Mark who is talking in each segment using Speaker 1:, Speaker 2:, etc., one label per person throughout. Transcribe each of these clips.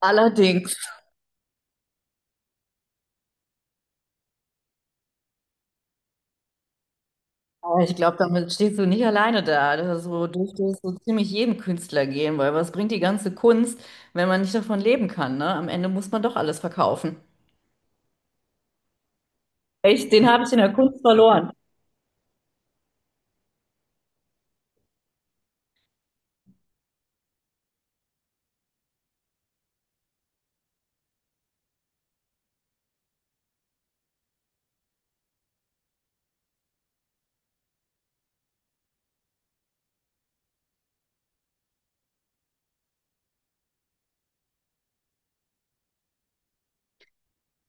Speaker 1: Allerdings, aber ich glaube, damit stehst du nicht alleine da. Das ist so, dürfte es so ziemlich jedem Künstler gehen, weil was bringt die ganze Kunst, wenn man nicht davon leben kann, ne? Am Ende muss man doch alles verkaufen. Echt, den habe ich in der Kunst verloren.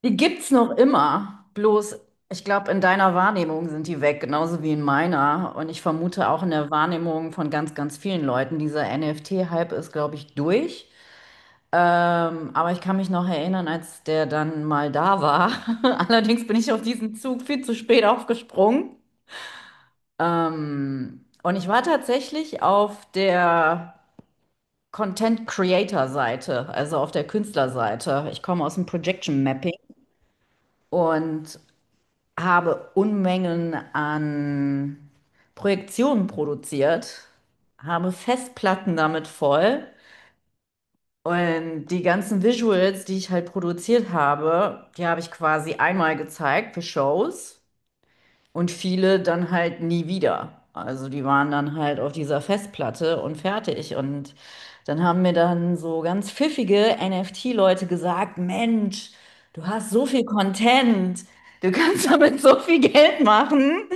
Speaker 1: Die gibt's noch immer, bloß ich glaube, in deiner Wahrnehmung sind die weg, genauso wie in meiner. Und ich vermute auch in der Wahrnehmung von ganz, ganz vielen Leuten. Dieser NFT-Hype ist, glaube ich, durch. Aber ich kann mich noch erinnern, als der dann mal da war. Allerdings bin ich auf diesen Zug viel zu spät aufgesprungen. Und ich war tatsächlich auf der Content Creator Seite, also auf der Künstlerseite. Ich komme aus dem Projection Mapping und habe Unmengen an Projektionen produziert, habe Festplatten damit voll. Und die ganzen Visuals, die ich halt produziert habe, die habe ich quasi einmal gezeigt für Shows und viele dann halt nie wieder. Also die waren dann halt auf dieser Festplatte und fertig. Und dann haben mir dann so ganz pfiffige NFT-Leute gesagt, Mensch, du hast so viel Content, du kannst damit so viel Geld machen,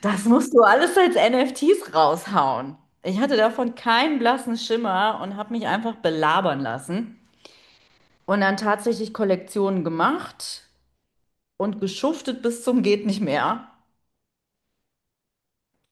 Speaker 1: das musst du alles als NFTs raushauen. Ich hatte davon keinen blassen Schimmer und habe mich einfach belabern lassen. Und dann tatsächlich Kollektionen gemacht und geschuftet bis zum geht nicht mehr.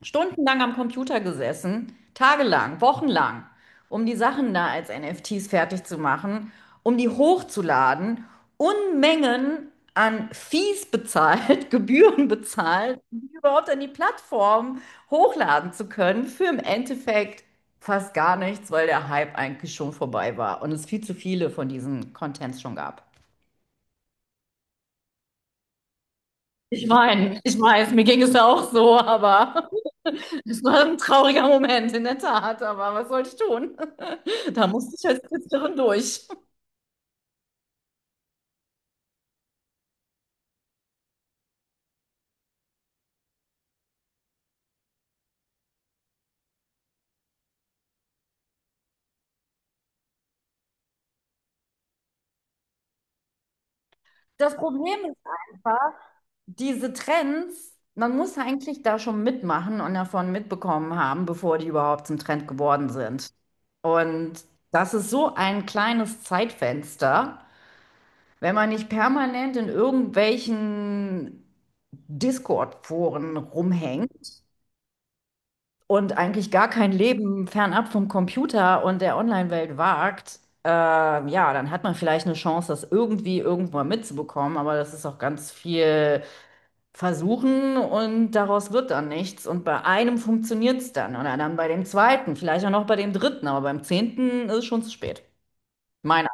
Speaker 1: Stundenlang am Computer gesessen, tagelang, wochenlang, um die Sachen da als NFTs fertig zu machen, um die hochzuladen, Unmengen an Fees bezahlt, Gebühren bezahlt, um die überhaupt an die Plattform hochladen zu können, für im Endeffekt fast gar nichts, weil der Hype eigentlich schon vorbei war und es viel zu viele von diesen Contents schon gab. Ich meine, ich weiß, mir ging es ja auch so, aber es war ein trauriger Moment, in der Tat. Aber was soll ich tun? Da musste ich als Künstlerin durch. Das Problem ist einfach, diese Trends, man muss eigentlich da schon mitmachen und davon mitbekommen haben, bevor die überhaupt zum Trend geworden sind. Und das ist so ein kleines Zeitfenster, wenn man nicht permanent in irgendwelchen Discord-Foren rumhängt und eigentlich gar kein Leben fernab vom Computer und der Online-Welt wagt, ja, dann hat man vielleicht eine Chance, das irgendwie irgendwo mitzubekommen, aber das ist auch ganz viel versuchen und daraus wird dann nichts. Und bei einem funktioniert es dann oder dann bei dem zweiten, vielleicht auch noch bei dem dritten, aber beim zehnten ist es schon zu spät. Meine,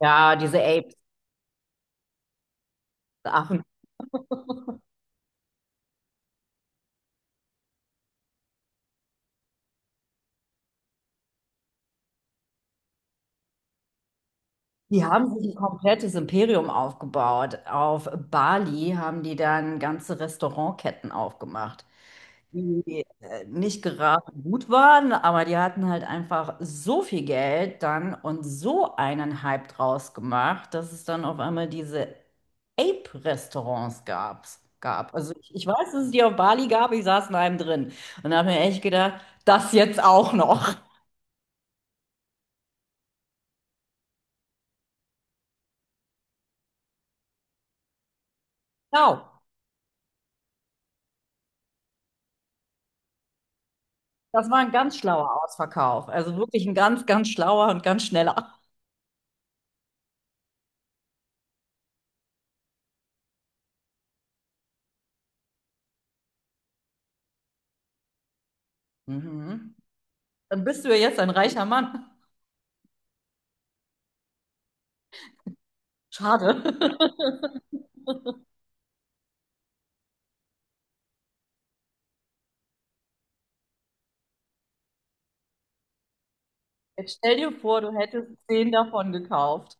Speaker 1: ja, diese Apes, Affen. Die haben sich ein komplettes Imperium aufgebaut. Auf Bali haben die dann ganze Restaurantketten aufgemacht, die nicht gerade gut waren, aber die hatten halt einfach so viel Geld dann und so einen Hype draus gemacht, dass es dann auf einmal diese Ape-Restaurants gab. Also ich weiß, dass es die auf Bali gab, ich saß in einem drin und habe mir echt gedacht, das jetzt auch noch. Genau, das war ein ganz schlauer Ausverkauf. Also wirklich ein ganz, ganz schlauer und ganz schneller. Mhm. Dann bist du ja jetzt ein reicher Mann. Schade. Jetzt stell dir vor, du hättest zehn davon gekauft.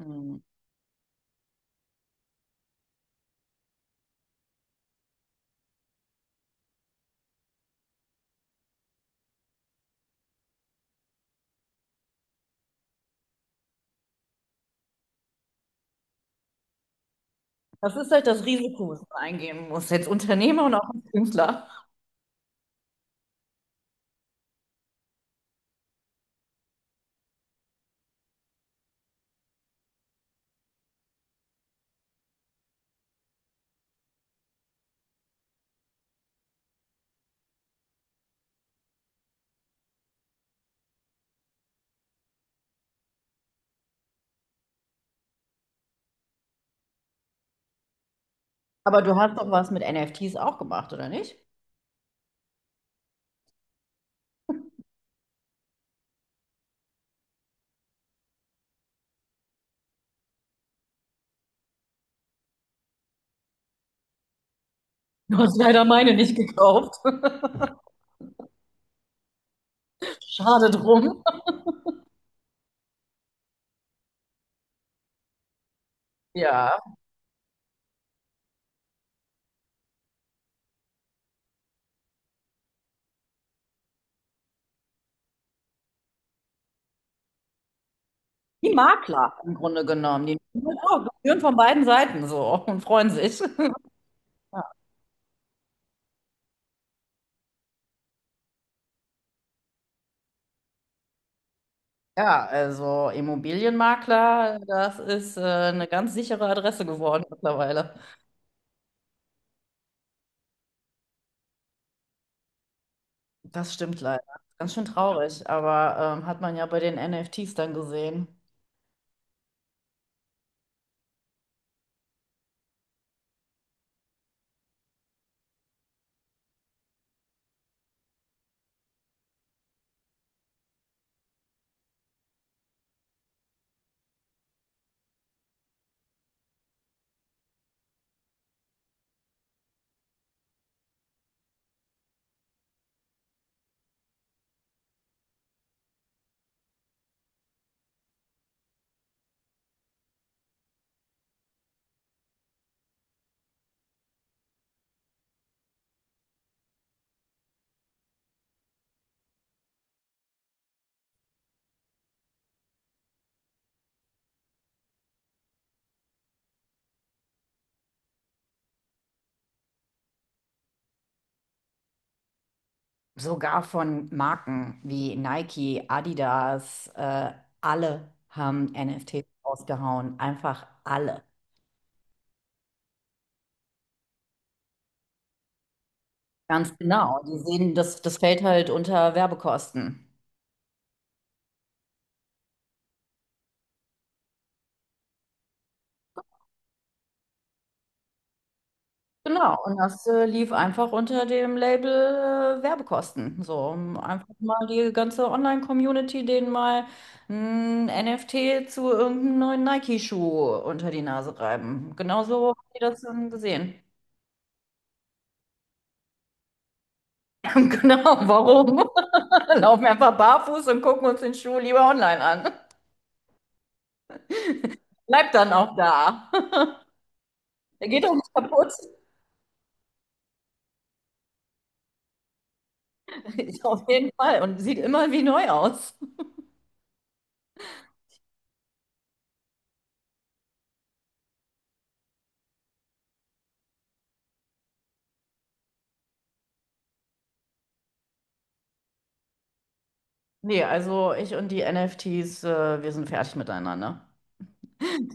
Speaker 1: Hm. Das ist halt das Risiko, was man eingehen muss, als Unternehmer und auch als Künstler. Aber du hast doch was mit NFTs auch gemacht, oder nicht? Du hast leider meine nicht gekauft. Schade drum. Ja. Die Makler im Grunde genommen, die. Und auch Gebühren von beiden Seiten so und freuen sich. Ja, also Immobilienmakler, das ist eine ganz sichere Adresse geworden mittlerweile. Das stimmt leider. Ganz schön traurig, aber hat man ja bei den NFTs dann gesehen. Sogar von Marken wie Nike, Adidas, alle haben NFTs rausgehauen. Einfach alle. Ganz genau. Die sehen, das fällt halt unter Werbekosten. Genau, und das lief einfach unter dem Label Werbekosten. So, um einfach mal die ganze Online-Community denen mal ein NFT zu irgendeinem neuen Nike-Schuh unter die Nase reiben. Genauso haben die das dann gesehen. Genau, warum? Laufen wir einfach barfuß und gucken uns den Schuh lieber online an. Bleibt dann auch da. Der geht auch nicht kaputt. Auf jeden Fall. Und sieht immer wie neu aus. Nee, also ich und die NFTs, wir sind fertig miteinander.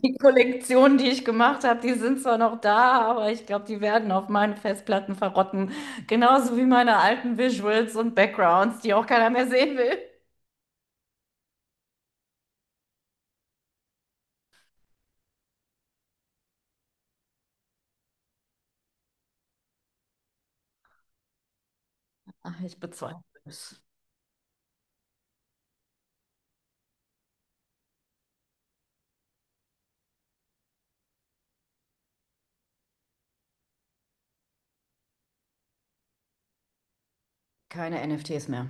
Speaker 1: Die Kollektionen, die ich gemacht habe, die sind zwar noch da, aber ich glaube, die werden auf meinen Festplatten verrotten. Genauso wie meine alten Visuals und Backgrounds, die auch keiner mehr sehen will. Ach, ich bezweifle es. Keine NFTs mehr.